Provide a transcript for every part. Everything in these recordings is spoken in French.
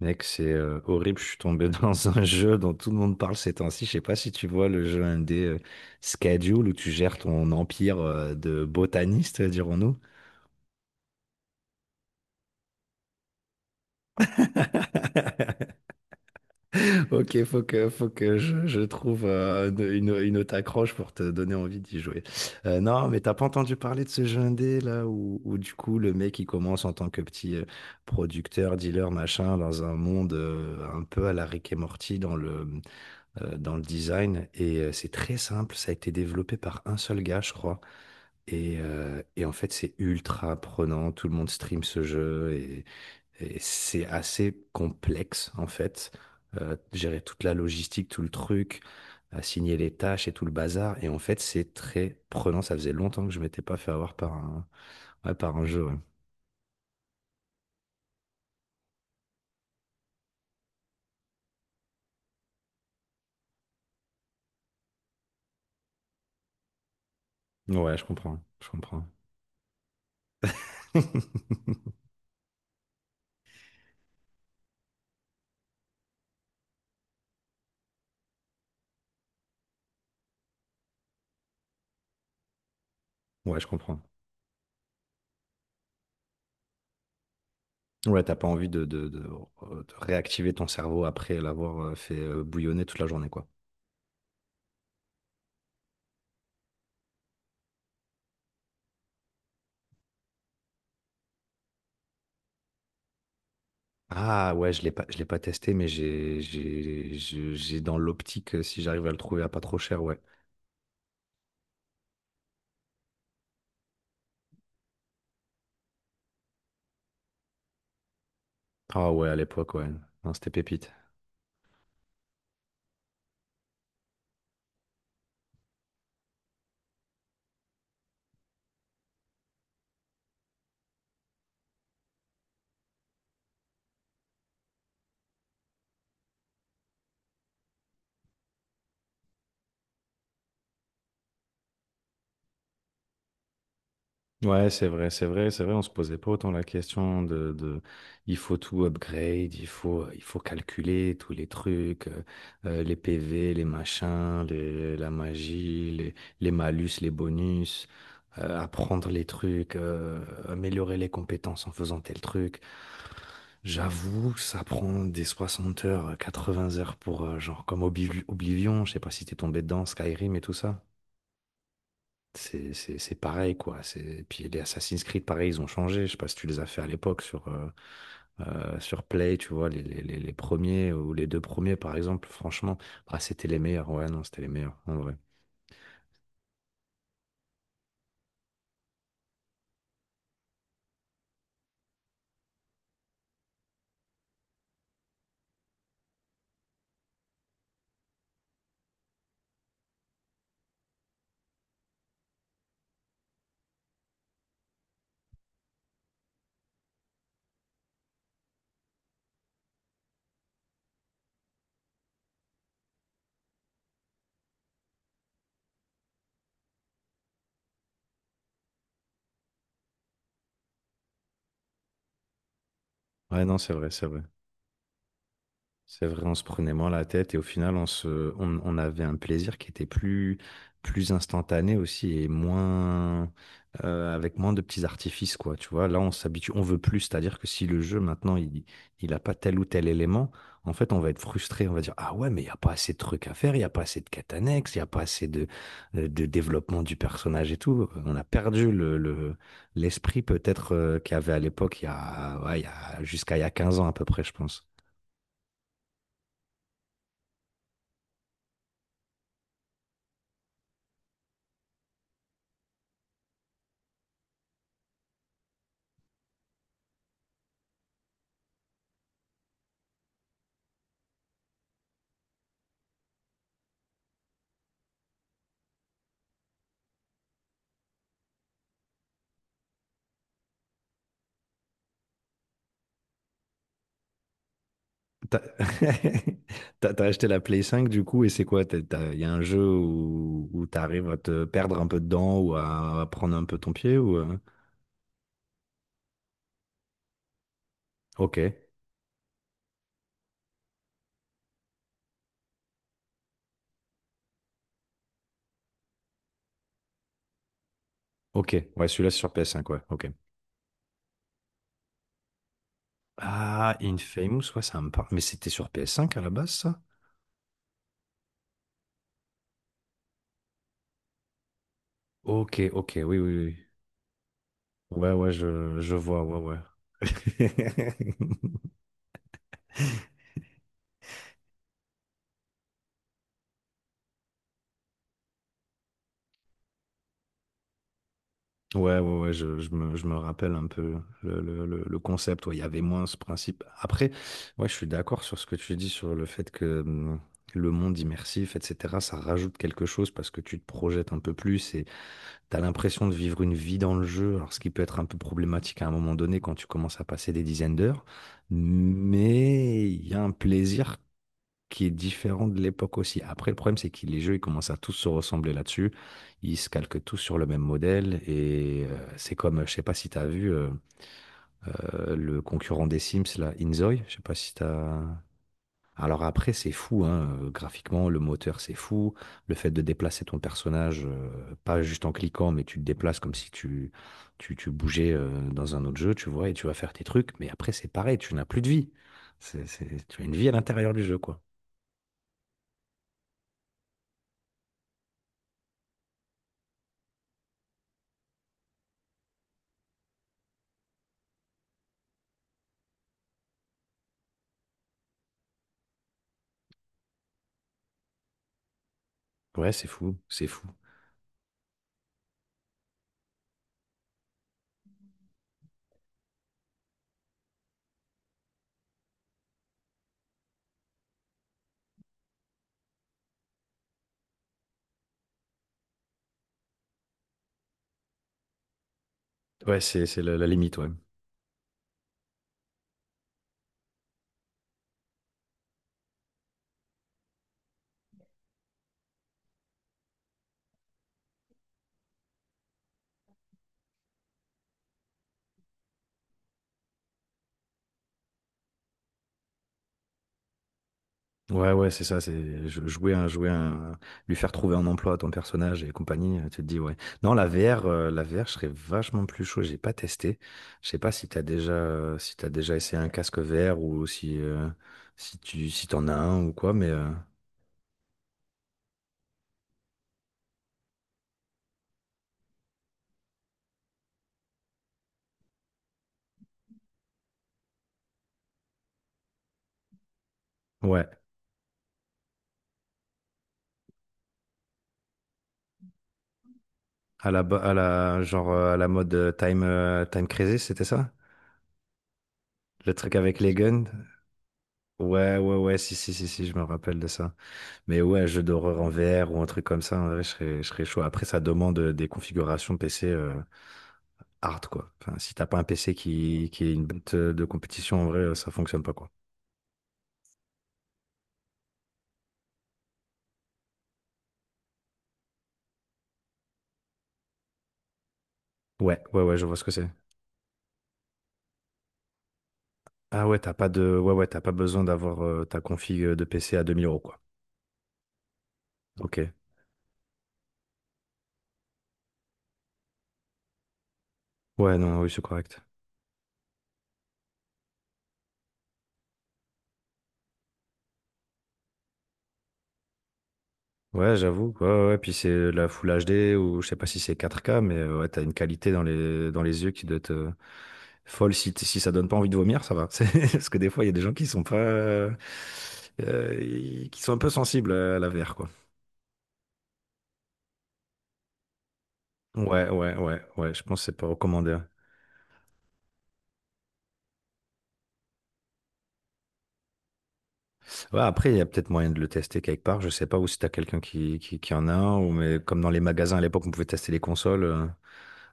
Mec, c'est horrible. Je suis tombé dans un jeu dont tout le monde parle ces temps-ci. Je sais pas si tu vois le jeu indé Schedule où tu gères ton empire de botaniste, dirons-nous. Ok, faut que je trouve une autre accroche pour te donner envie d'y jouer. Non, mais t'as pas entendu parler de ce jeu indé où du coup le mec il commence en tant que petit producteur, dealer, machin, dans un monde un peu à la Rick et Morty dans le design. Et c'est très simple, ça a été développé par un seul gars, je crois. Et en fait, c'est ultra prenant, tout le monde stream ce jeu, et c'est assez complexe en fait. Gérer toute la logistique, tout le truc, assigner les tâches et tout le bazar. Et en fait, c'est très prenant. Ça faisait longtemps que je m'étais pas fait avoir par ouais, par un jeu. Ouais, ouais, je comprends, je comprends. Ouais, je comprends. Ouais, t'as pas envie de réactiver ton cerveau après l'avoir fait bouillonner toute la journée, quoi. Ah ouais, je l'ai pas testé, mais j'ai dans l'optique, si j'arrive à le trouver à pas trop cher, ouais. Ah ouais, à l'époque, ouais. Non, c'était pépite. Ouais, c'est vrai, c'est vrai, c'est vrai, on se posait pas autant la question de il faut tout upgrade, il faut calculer tous les trucs, les PV, les machins, la magie, les malus, les bonus, apprendre les trucs, améliorer les compétences en faisant tel truc. J'avoue, ça prend des 60 heures, 80 heures pour, genre, comme Oblivion, je sais pas si t'es tombé dedans, Skyrim et tout ça. C'est pareil, quoi. C'est... Puis les Assassin's Creed, pareil, ils ont changé. Je sais pas si tu les as fait à l'époque sur Play, tu vois, les premiers ou les deux premiers, par exemple. Franchement, ah, c'était les meilleurs. Ouais, non, c'était les meilleurs, en vrai. Ouais, non, c'est vrai, c'est vrai. C'est vrai, on se prenait moins la tête et au final, on avait un plaisir qui était plus instantané aussi et avec moins de petits artifices, quoi. Tu vois, là, on s'habitue, on veut plus. C'est-à-dire que si le jeu, maintenant, il a pas tel ou tel élément, en fait, on va être frustré. On va dire, ah ouais, mais il n'y a pas assez de trucs à faire, il n'y a pas assez de quêtes annexes, il n'y a pas assez de développement du personnage et tout. On a perdu l'esprit peut-être, qu'il y avait à l'époque, il y a, jusqu'à il y a 15 ans à peu près, je pense. T'as t'as acheté la Play 5 du coup, et c'est quoi? Il y a un jeu où t'arrives à te perdre un peu dedans ou à prendre un peu ton pied ou... Ok, ok. Ouais, celui-là c'est sur PS5, ouais, ok. Ah, Infamous, ouais, ça me parle. Mais c'était sur PS5 à la base, ça? Ok, ok, oui, oui, oui. Ouais, ouais, je vois, ouais, ouais. Ouais, ouais, ouais, je me rappelle un peu le concept. Ouais, il y avait moins ce principe. Après, ouais, je suis d'accord sur ce que tu dis sur le fait que le monde immersif, etc., ça rajoute quelque chose parce que tu te projettes un peu plus et tu as l'impression de vivre une vie dans le jeu. Alors, ce qui peut être un peu problématique à un moment donné quand tu commences à passer des dizaines d'heures, mais il y a un plaisir qui est différent de l'époque aussi. Après, le problème, c'est que les jeux, ils commencent à tous se ressembler là-dessus. Ils se calquent tous sur le même modèle. Et c'est comme, je sais pas si tu as vu le concurrent des Sims, là, Inzoi. Je sais pas si tu as... Alors après, c'est fou, hein, graphiquement, le moteur, c'est fou. Le fait de déplacer ton personnage, pas juste en cliquant, mais tu te déplaces comme si tu, tu, tu bougeais dans un autre jeu, tu vois, et tu vas faire tes trucs. Mais après, c'est pareil, tu n'as plus de vie. Tu as une vie à l'intérieur du jeu, quoi. Ouais, c'est fou, c'est fou. Ouais, c'est la, la limite, ouais. Ouais, ouais, c'est ça, c'est jou- jouer un, lui faire trouver un emploi à ton personnage et compagnie, tu te dis, ouais. Non, la VR, je serais vachement plus chaud, j'ai pas testé. Je sais pas si t'as si t'as déjà essayé un casque VR ou si t'en as un ou quoi, mais, ouais. À la, à la mode Time Crisis, c'était ça? Le truc avec les guns? Ouais, ouais, ouais, si, si, si, si, je me rappelle de ça. Mais ouais, un jeu d'horreur en VR ou un truc comme ça, en vrai, je serais chaud. Après, ça demande des configurations PC hard, quoi. Enfin, si t'as pas un PC qui est une bête de compétition, en vrai, ça fonctionne pas, quoi. Ouais, ouais, ouais, je vois ce que c'est. Ah ouais, t'as pas de, ouais, ouais, t'as pas besoin d'avoir ta config de PC à 2000 euros, quoi. Ok. Ouais, non, oui, c'est correct. Ouais, j'avoue. Ouais, ouais, ouais. Puis c'est la Full HD ou je sais pas si c'est 4K, mais ouais, t'as une qualité dans dans les yeux qui doit être folle. Si ça donne pas envie de vomir, ça va. C'est- Parce que des fois, il y a des gens qui sont pas, qui sont un peu sensibles à la VR, quoi. Ouais, ouais, ouais, ouais. Je pense que c'est pas recommandé. Ouais, après, il y a peut-être moyen de le tester quelque part. Je sais pas ou si t'as quelqu'un qui en a un, ou mais comme dans les magasins à l'époque, on pouvait tester les consoles.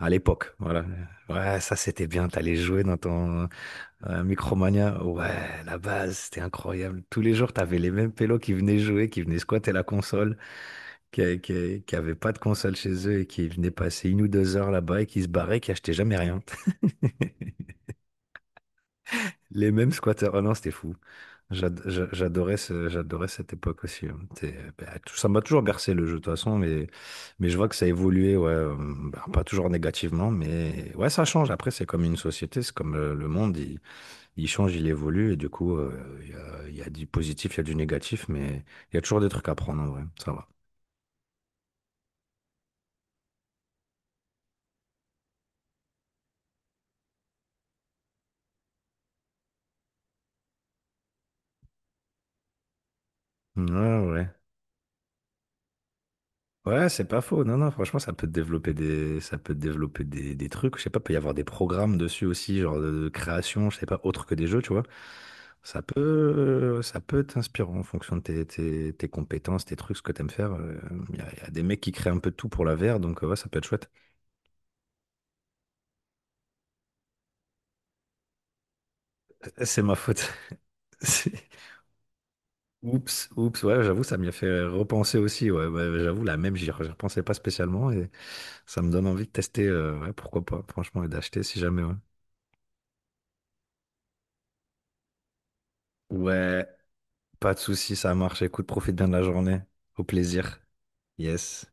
À l'époque, voilà. Ouais, ça c'était bien. T'allais jouer dans ton, ouais, Micromania, ouais, la base, c'était incroyable. Tous les jours, t'avais les mêmes pélos qui venaient jouer, qui venaient squatter la console, qui avaient pas de console chez eux et qui venaient passer une ou deux heures là-bas et qui se barraient, qui achetaient jamais rien. Les mêmes squatteurs. Oh non, c'était fou. J'adorais j'adorais cette époque aussi, hein. C'est- bah, tout- ça m'a toujours bercé le jeu de toute façon, mais je vois que ça a évolué, ouais, bah, pas toujours négativement, mais ouais, ça change. Après, c'est comme une société, c'est comme le monde. Il change, il évolue, et du coup, il y a du positif, il y a du négatif, mais il y a toujours des trucs à prendre en vrai, ça va. Ouais, ouais. Ouais, c'est pas faux. Non, non, franchement, ça peut te développer ça peut te développer des trucs. Je sais pas, peut y avoir des programmes dessus aussi, genre de création, je sais pas, autre que des jeux, tu vois. Ça peut t'inspirer en fonction de tes compétences, tes trucs, ce que t'aimes faire. Il y a, il y a des mecs qui créent un peu de tout pour la VR, donc ouais, ça peut être chouette. C'est ma faute. Oups, oups, ouais, j'avoue, ça m'y a fait repenser aussi. Ouais, ouais, ouais, j'avoue, la même, j'y repensais pas spécialement et ça me donne envie de tester, ouais, pourquoi pas, franchement, et d'acheter si jamais, ouais. Ouais, pas de souci, ça marche. Écoute, profite bien de la journée. Au plaisir. Yes.